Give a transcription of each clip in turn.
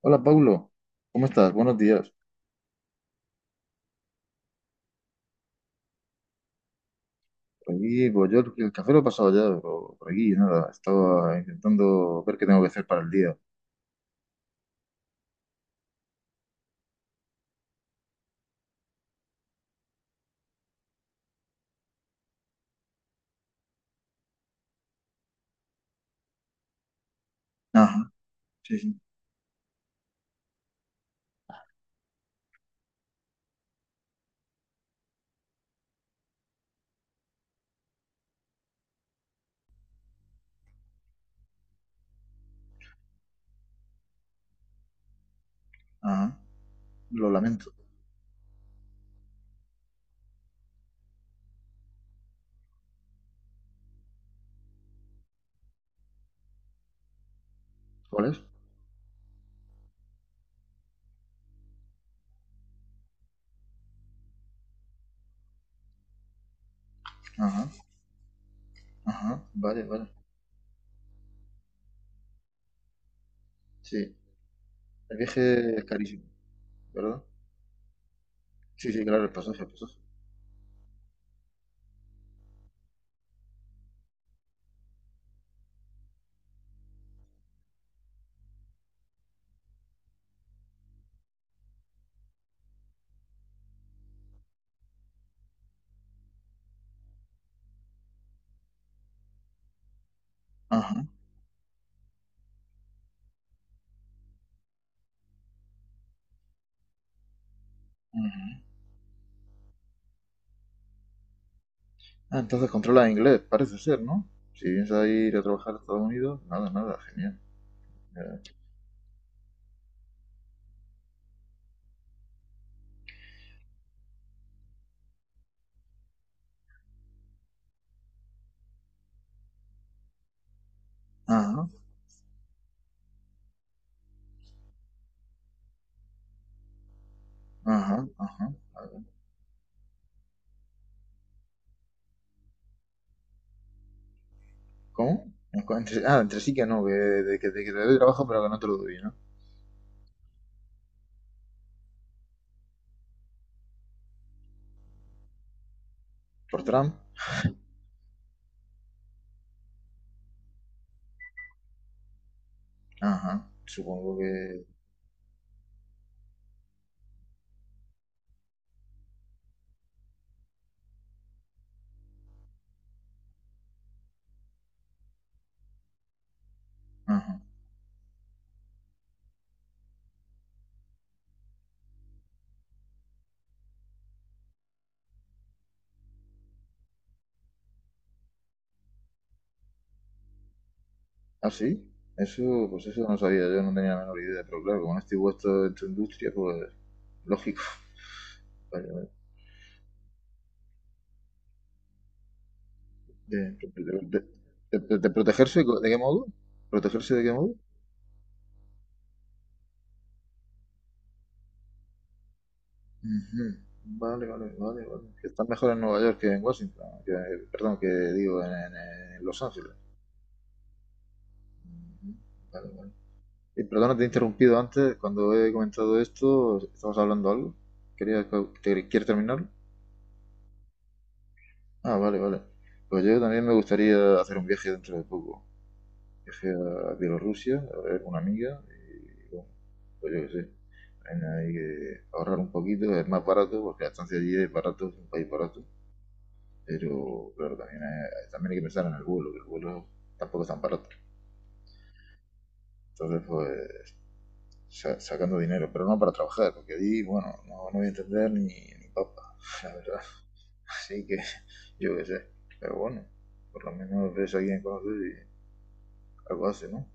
Hola, Paulo. ¿Cómo estás? Buenos días. Por aquí, pues yo el café lo he pasado ya, pero por aquí nada. Estaba intentando ver qué tengo que hacer para el día. Ajá, sí, sí. Ajá, lo lamento. ¿Cuál es? Ajá, ajá, vale, vale. Sí, el viaje es carísimo, ¿verdad? Sí, sí, claro, el pasaje, el pasaje. Ajá, ajá. Ah, entonces controla inglés, parece ser, ¿no? Si piensas ir a trabajar a Estados Unidos, nada, nada, genial. Eh, Ajá, ajá, ajá. ¿Cómo? Entre, ah, entre sí que no, que, de, que, de que te doy trabajo pero que no te lo doy, ¿no? Por Trump. Ajá. Supongo que. Ajá. ¿Ah, sí? Eso, pues eso no sabía, yo no tenía la menor idea, pero claro, como no estoy puesto en tu industria, pues lógico. Vale, vale. De, de- de protegerse, ¿de qué modo? ¿Protegerse de qué modo? Ujú. Vale, vale, vale, vale. Que están mejor en Nueva York que en Washington, que- perdón, que digo en, en Los Ángeles. Ujú. Vale, vale. Perdona, te he interrumpido antes. Cuando he comentado esto, ¿estabas hablando algo? ¿Querías, que- te- ¿Quieres terminarlo? Ah, vale, vale. Pues yo también me gustaría hacer un viaje dentro de poco. Viaje a Bielorrusia, a ver con una amiga. Y bueno, pues yo qué sé. También hay que ahorrar un poquito, es más barato, porque la estancia allí es barato, es un país barato. Pero claro, también hay que pensar en el vuelo, que el vuelo tampoco es tan barato. Entonces, pues sacando dinero, pero no para trabajar, porque ahí, bueno, no, no voy a entender ni, ni papa, la verdad. Así que, yo qué sé. Pero bueno, por lo menos ves a alguien conoces y algo hace, ¿no?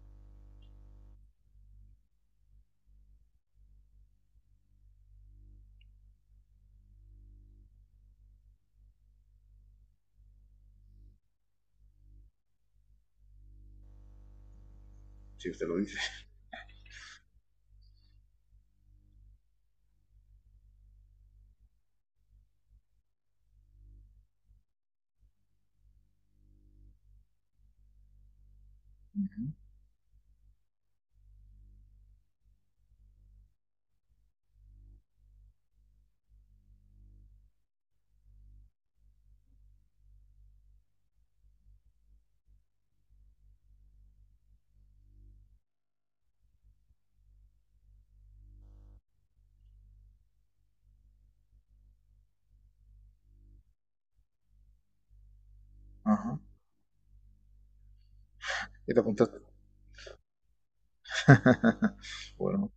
Si usted lo dice. Ujú, Ajá. ¿Y te apuntaste? Bueno.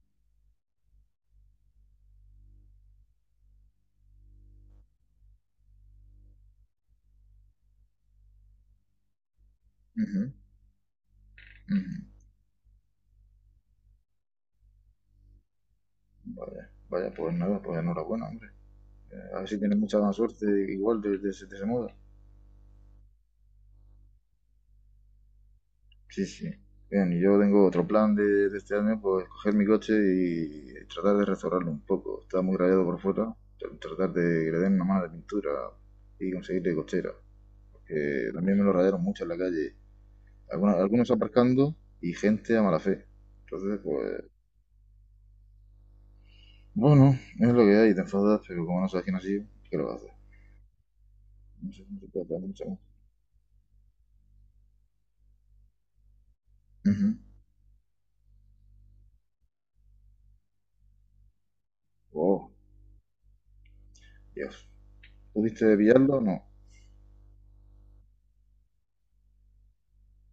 Ujú, ujú. Vaya, vaya, pues nada, pues enhorabuena, hombre. A ver si tienes mucha más suerte igual de ese modo. Sí, sí. Bien, y yo tengo otro plan de este año, pues coger mi coche y tratar de restaurarlo un poco. Está muy rayado por fuera, tr- tratar de que le den una mano de pintura y conseguirle cochera. Porque también me lo rayaron mucho en la calle. Algunos, algunos aparcando y gente a mala fe. Entonces, pues, bueno, es lo que hay, te enfadas, pero como no sabes quién ha sido, ¿qué lo haces? No sé, no se puede hacer mucho más. Ujú. Oh, Dios. ¿Pudiste pillarlo? O no.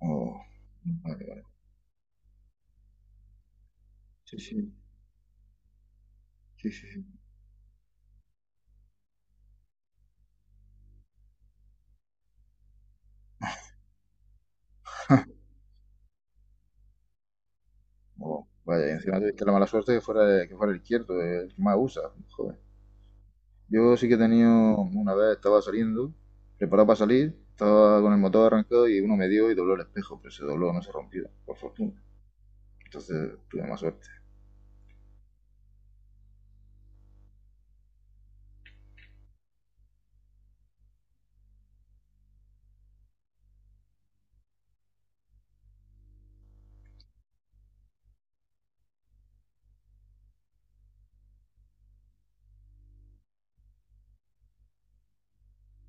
Oh, vale, vale. Sí, sí, sí, sí, sí. Oh, vaya, y encima tuviste la mala suerte que fuera el izquierdo, el que más usa. Joder. Yo sí que he tenido, una vez estaba saliendo, preparado para salir, estaba con el motor arrancado y uno me dio y dobló el espejo, pero se dobló, no se rompió, por fortuna. Entonces tuve más suerte.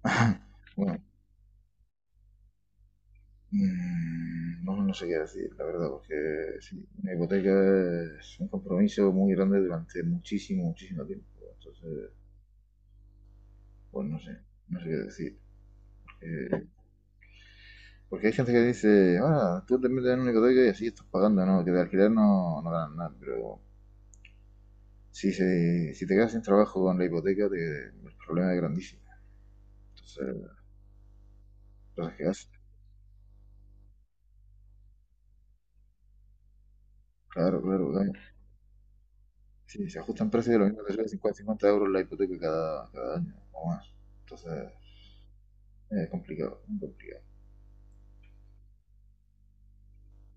Bueno, mmm, no, no sé qué decir, la verdad, porque sí, una hipoteca es un compromiso muy grande durante muchísimo, muchísimo tiempo. Entonces, pues no sé, no sé qué decir. Eh, Porque hay gente que dice, ah, tú también te dan un ecotoico y así estás pagando, ¿no? Que de alquiler no, no ganan nada, pero si, se, si te quedas sin trabajo con la hipoteca, te- el problema es grandísimo. Entonces, cosas que hacen. Claro, claro, claro. Sí, se ajustan precios de lo mismo, te sale 50 50 euros la hipoteca cada, cada año o más. Entonces, es complicado, muy complicado.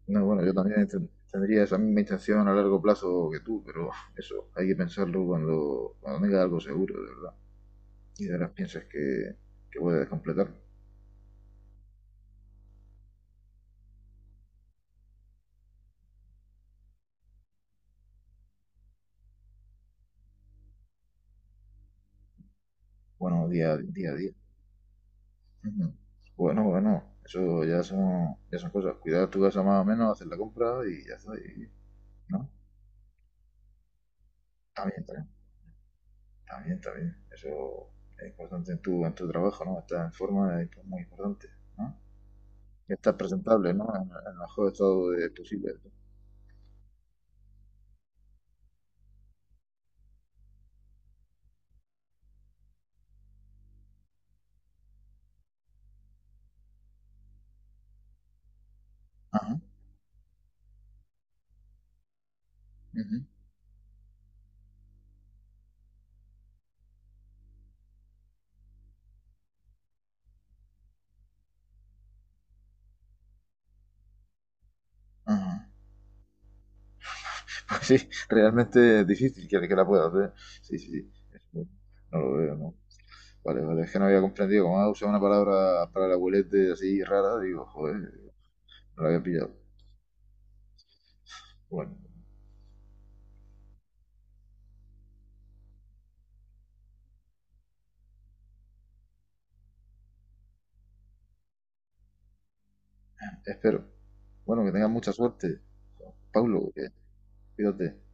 No, bueno, yo también ten- tendría esa misma intención a largo plazo que tú, pero eso, hay que pensarlo cuando, cuando tengas algo seguro, de verdad. Y de verdad piensas que puedes completar. Bueno, día, día a día. Ujú. Bueno, bueno, eso ya son cosas. Cuidar tu casa más o menos, hacer la compra y ya está. Y- ¿no? También, también, también, también. Eso es importante en tu trabajo, ¿no? Estar en forma es muy importante, ¿no? Y estar presentable, ¿no? En el mejor estado de- posible. Ajá, ujú, ajá. Pues sí, realmente es difícil que la pueda hacer. Sí, sí, sí. Eso no no lo veo, ¿no? Vale, vale, es que no había comprendido. Como ha usado una palabra para el abuelete así rara, digo, joder. No lo había pillado. Bueno, espero. Bueno, que tengas mucha suerte. Paulo, que cuídate.